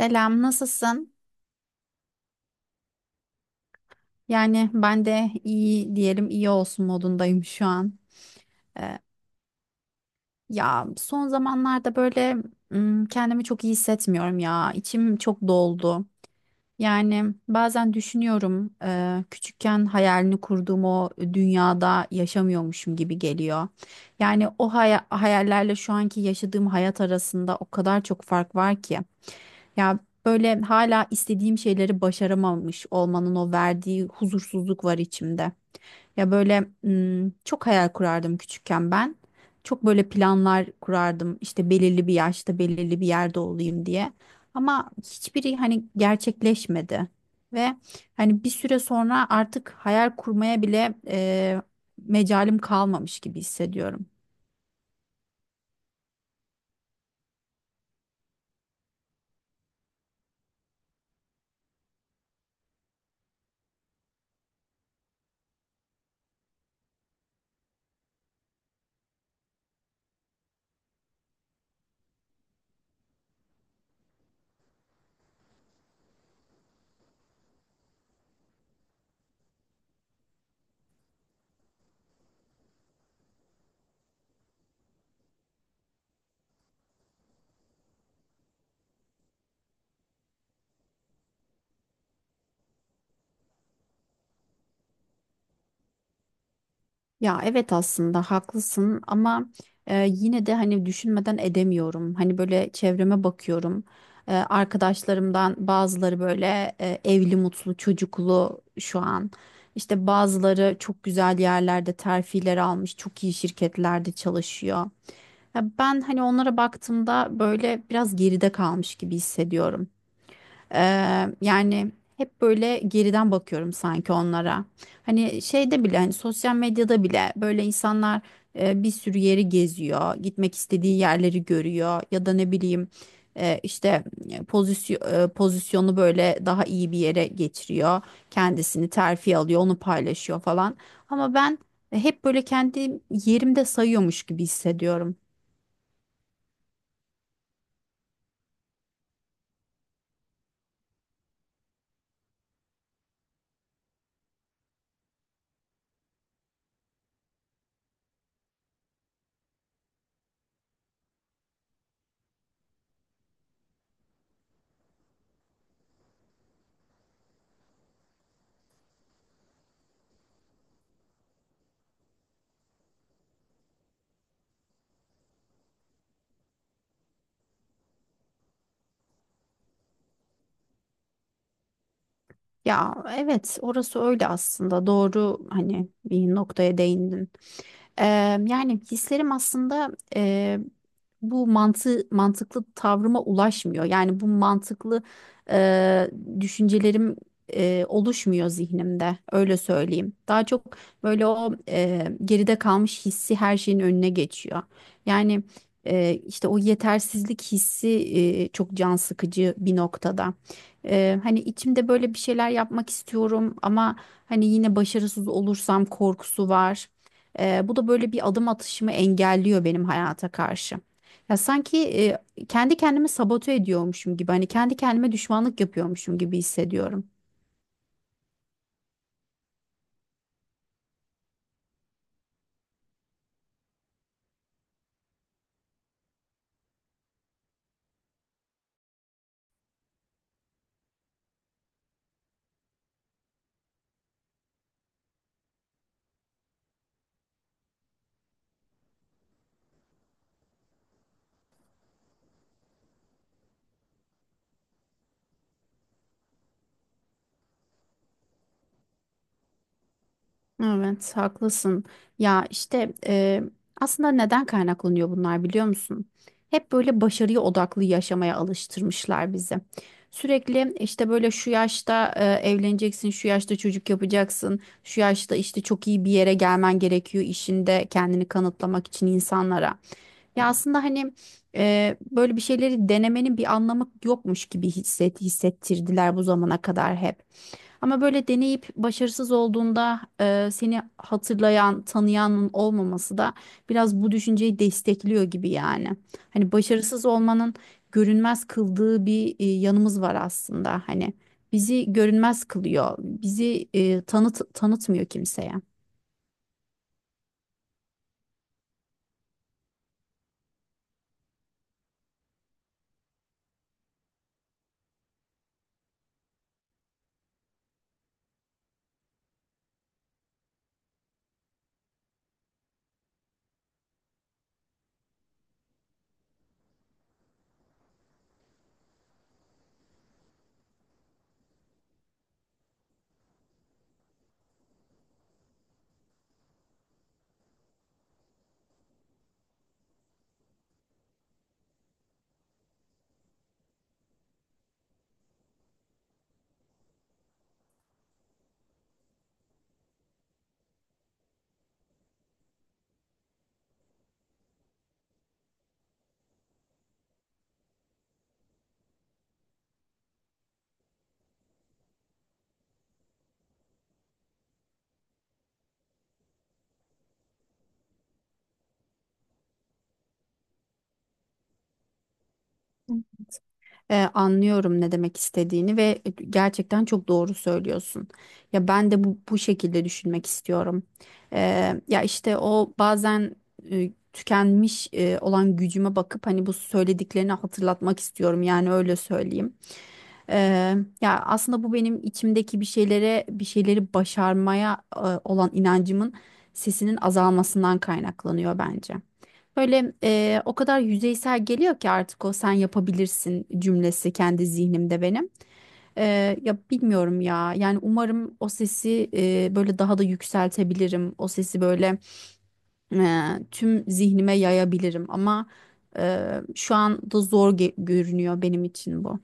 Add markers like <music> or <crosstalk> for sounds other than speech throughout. Selam, nasılsın? Yani ben de iyi diyelim iyi olsun modundayım şu an. Ee, ya son zamanlarda böyle kendimi çok iyi hissetmiyorum ya. İçim çok doldu. Yani bazen düşünüyorum küçükken hayalini kurduğum o dünyada yaşamıyormuşum gibi geliyor. Yani o hayallerle şu anki yaşadığım hayat arasında o kadar çok fark var ki. Ya böyle hala istediğim şeyleri başaramamış olmanın o verdiği huzursuzluk var içimde. Ya böyle çok hayal kurardım küçükken ben. Çok böyle planlar kurardım işte belirli bir yaşta belirli bir yerde olayım diye. Ama hiçbiri hani gerçekleşmedi. Ve hani bir süre sonra artık hayal kurmaya bile mecalim kalmamış gibi hissediyorum. Ya evet aslında haklısın ama yine de hani düşünmeden edemiyorum. Hani böyle çevreme bakıyorum. Arkadaşlarımdan bazıları böyle evli, mutlu, çocuklu şu an. İşte bazıları çok güzel yerlerde terfiler almış, çok iyi şirketlerde çalışıyor. Ya ben hani onlara baktığımda böyle biraz geride kalmış gibi hissediyorum. Yani hep böyle geriden bakıyorum sanki onlara. Hani şeyde bile hani sosyal medyada bile böyle insanlar bir sürü yeri geziyor, gitmek istediği yerleri görüyor ya da ne bileyim işte pozisyonu böyle daha iyi bir yere getiriyor. Kendisini terfi alıyor, onu paylaşıyor falan. Ama ben hep böyle kendi yerimde sayıyormuş gibi hissediyorum. Ya evet orası öyle aslında doğru hani bir noktaya değindin. Eee, yani hislerim aslında eee, bu mantıklı tavrıma ulaşmıyor. Yani bu mantıklı eee, düşüncelerim oluşmuyor zihnimde. Öyle söyleyeyim. Daha çok böyle o geride kalmış hissi her şeyin önüne geçiyor. Yani işte o yetersizlik hissi çok can sıkıcı bir noktada. Hani içimde böyle bir şeyler yapmak istiyorum ama hani yine başarısız olursam korkusu var. Bu da böyle bir adım atışımı engelliyor benim hayata karşı. Ya sanki kendi kendimi sabote ediyormuşum gibi, hani kendi kendime düşmanlık yapıyormuşum gibi hissediyorum. Evet, haklısın. Ya işte aslında neden kaynaklanıyor bunlar biliyor musun? Hep böyle başarıya odaklı yaşamaya alıştırmışlar bizi. Sürekli işte böyle şu yaşta evleneceksin, şu yaşta çocuk yapacaksın, şu yaşta işte çok iyi bir yere gelmen gerekiyor işinde kendini kanıtlamak için insanlara. Ya aslında hani böyle bir şeyleri denemenin bir anlamı yokmuş gibi hissettirdiler bu zamana kadar hep. Ama böyle deneyip başarısız olduğunda seni hatırlayan, tanıyanın olmaması da biraz bu düşünceyi destekliyor gibi yani. Hani başarısız olmanın görünmez kıldığı bir yanımız var aslında. Hani bizi görünmez kılıyor. Bizi tanıtmıyor kimseye. Anlıyorum ne demek istediğini ve gerçekten çok doğru söylüyorsun. Ya ben de bu şekilde düşünmek istiyorum. E, ya işte o bazen tükenmiş olan gücüme bakıp hani bu söylediklerini hatırlatmak istiyorum yani öyle söyleyeyim. Ya aslında bu benim içimdeki bir bir şeyleri başarmaya olan inancımın sesinin azalmasından kaynaklanıyor bence. Böyle o kadar yüzeysel geliyor ki artık o sen yapabilirsin cümlesi kendi zihnimde benim. Ya bilmiyorum ya. Yani umarım o sesi böyle daha da yükseltebilirim. O sesi böyle e, tüm zihnime yayabilirim. Ama e, şu anda zor görünüyor benim için bu.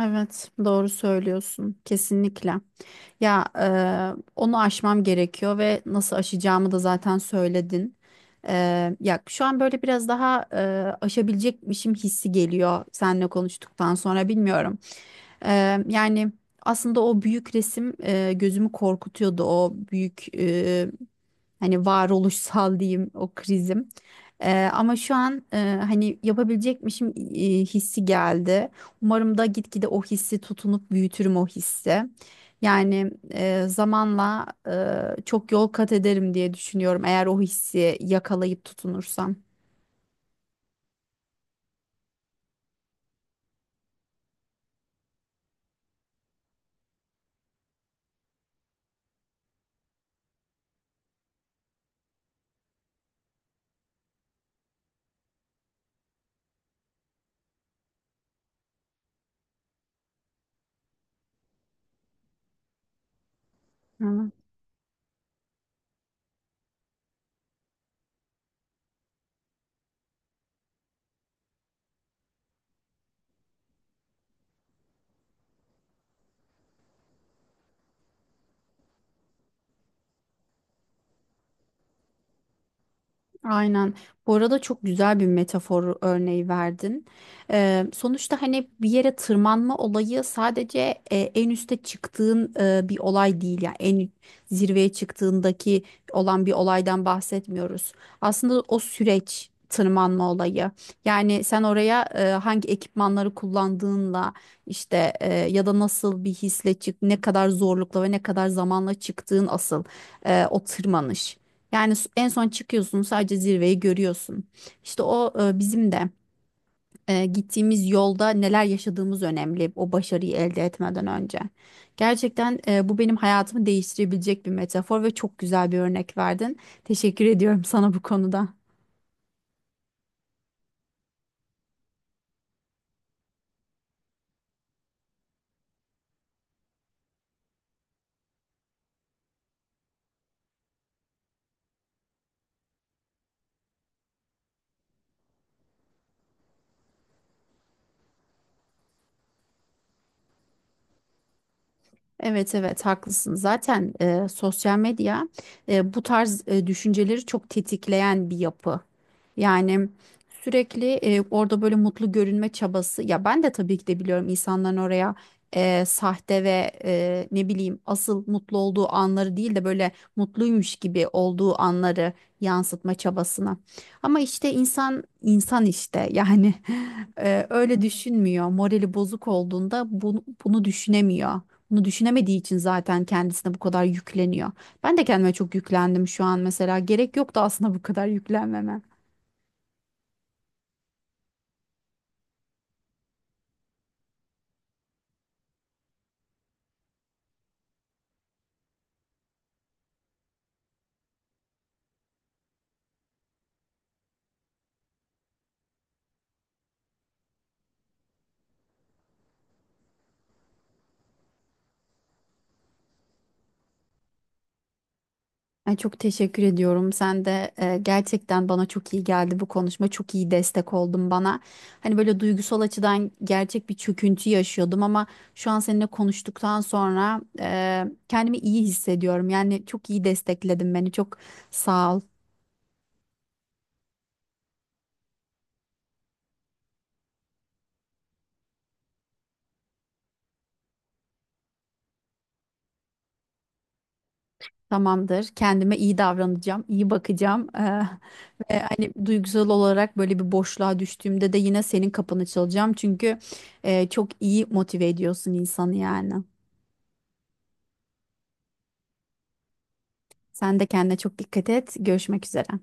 Evet, doğru söylüyorsun. Kesinlikle. Ya onu aşmam gerekiyor ve nasıl aşacağımı da zaten söyledin. E, ya şu an böyle biraz daha aşabilecekmişim hissi geliyor seninle konuştuktan sonra bilmiyorum. E, yani aslında o büyük resim gözümü korkutuyordu. O büyük. Hani varoluşsal diyeyim o krizim. Ama şu an hani yapabilecekmişim hissi geldi. Umarım da gitgide o hissi tutunup büyütürüm o hissi. Yani zamanla çok yol kat ederim diye düşünüyorum eğer o hissi yakalayıp tutunursam. Evet. Aynen. Bu arada çok güzel bir metafor örneği verdin. Sonuçta hani bir yere tırmanma olayı sadece en üste çıktığın bir olay değil. Yani en zirveye çıktığındaki olan bir olaydan bahsetmiyoruz. Aslında o süreç tırmanma olayı. Yani sen oraya hangi ekipmanları kullandığınla işte ya da nasıl bir hisle ne kadar zorlukla ve ne kadar zamanla çıktığın asıl o tırmanış. Yani en son çıkıyorsun sadece zirveyi görüyorsun. İşte o bizim de gittiğimiz yolda neler yaşadığımız önemli o başarıyı elde etmeden önce. Gerçekten bu benim hayatımı değiştirebilecek bir metafor ve çok güzel bir örnek verdin. Teşekkür ediyorum <laughs> sana bu konuda. Evet, evet, haklısın. Zaten sosyal medya bu tarz düşünceleri çok tetikleyen bir yapı. Yani sürekli orada böyle mutlu görünme çabası. Ya ben de tabii ki de biliyorum insanların oraya sahte ve ne bileyim asıl mutlu olduğu anları değil de böyle mutluymuş gibi olduğu anları yansıtma çabasına. Ama işte insan insan işte yani <laughs> öyle düşünmüyor. Morali bozuk olduğunda bunu düşünemiyor. Bunu düşünemediği için zaten kendisine bu kadar yükleniyor. Ben de kendime çok yüklendim şu an mesela. Gerek yoktu aslında bu kadar yüklenmeme. Ay, çok teşekkür ediyorum. Sen de gerçekten bana çok iyi geldi bu konuşma. Çok iyi destek oldun bana. Hani böyle duygusal açıdan gerçek bir çöküntü yaşıyordum ama şu an seninle konuştuktan sonra kendimi iyi hissediyorum. Yani çok iyi destekledin beni. Çok sağ ol. Tamamdır. Kendime iyi davranacağım, iyi bakacağım. Ve hani duygusal olarak böyle bir boşluğa düştüğümde de yine senin kapını çalacağım. Çünkü çok iyi motive ediyorsun insanı yani. Sen de kendine çok dikkat et. Görüşmek üzere.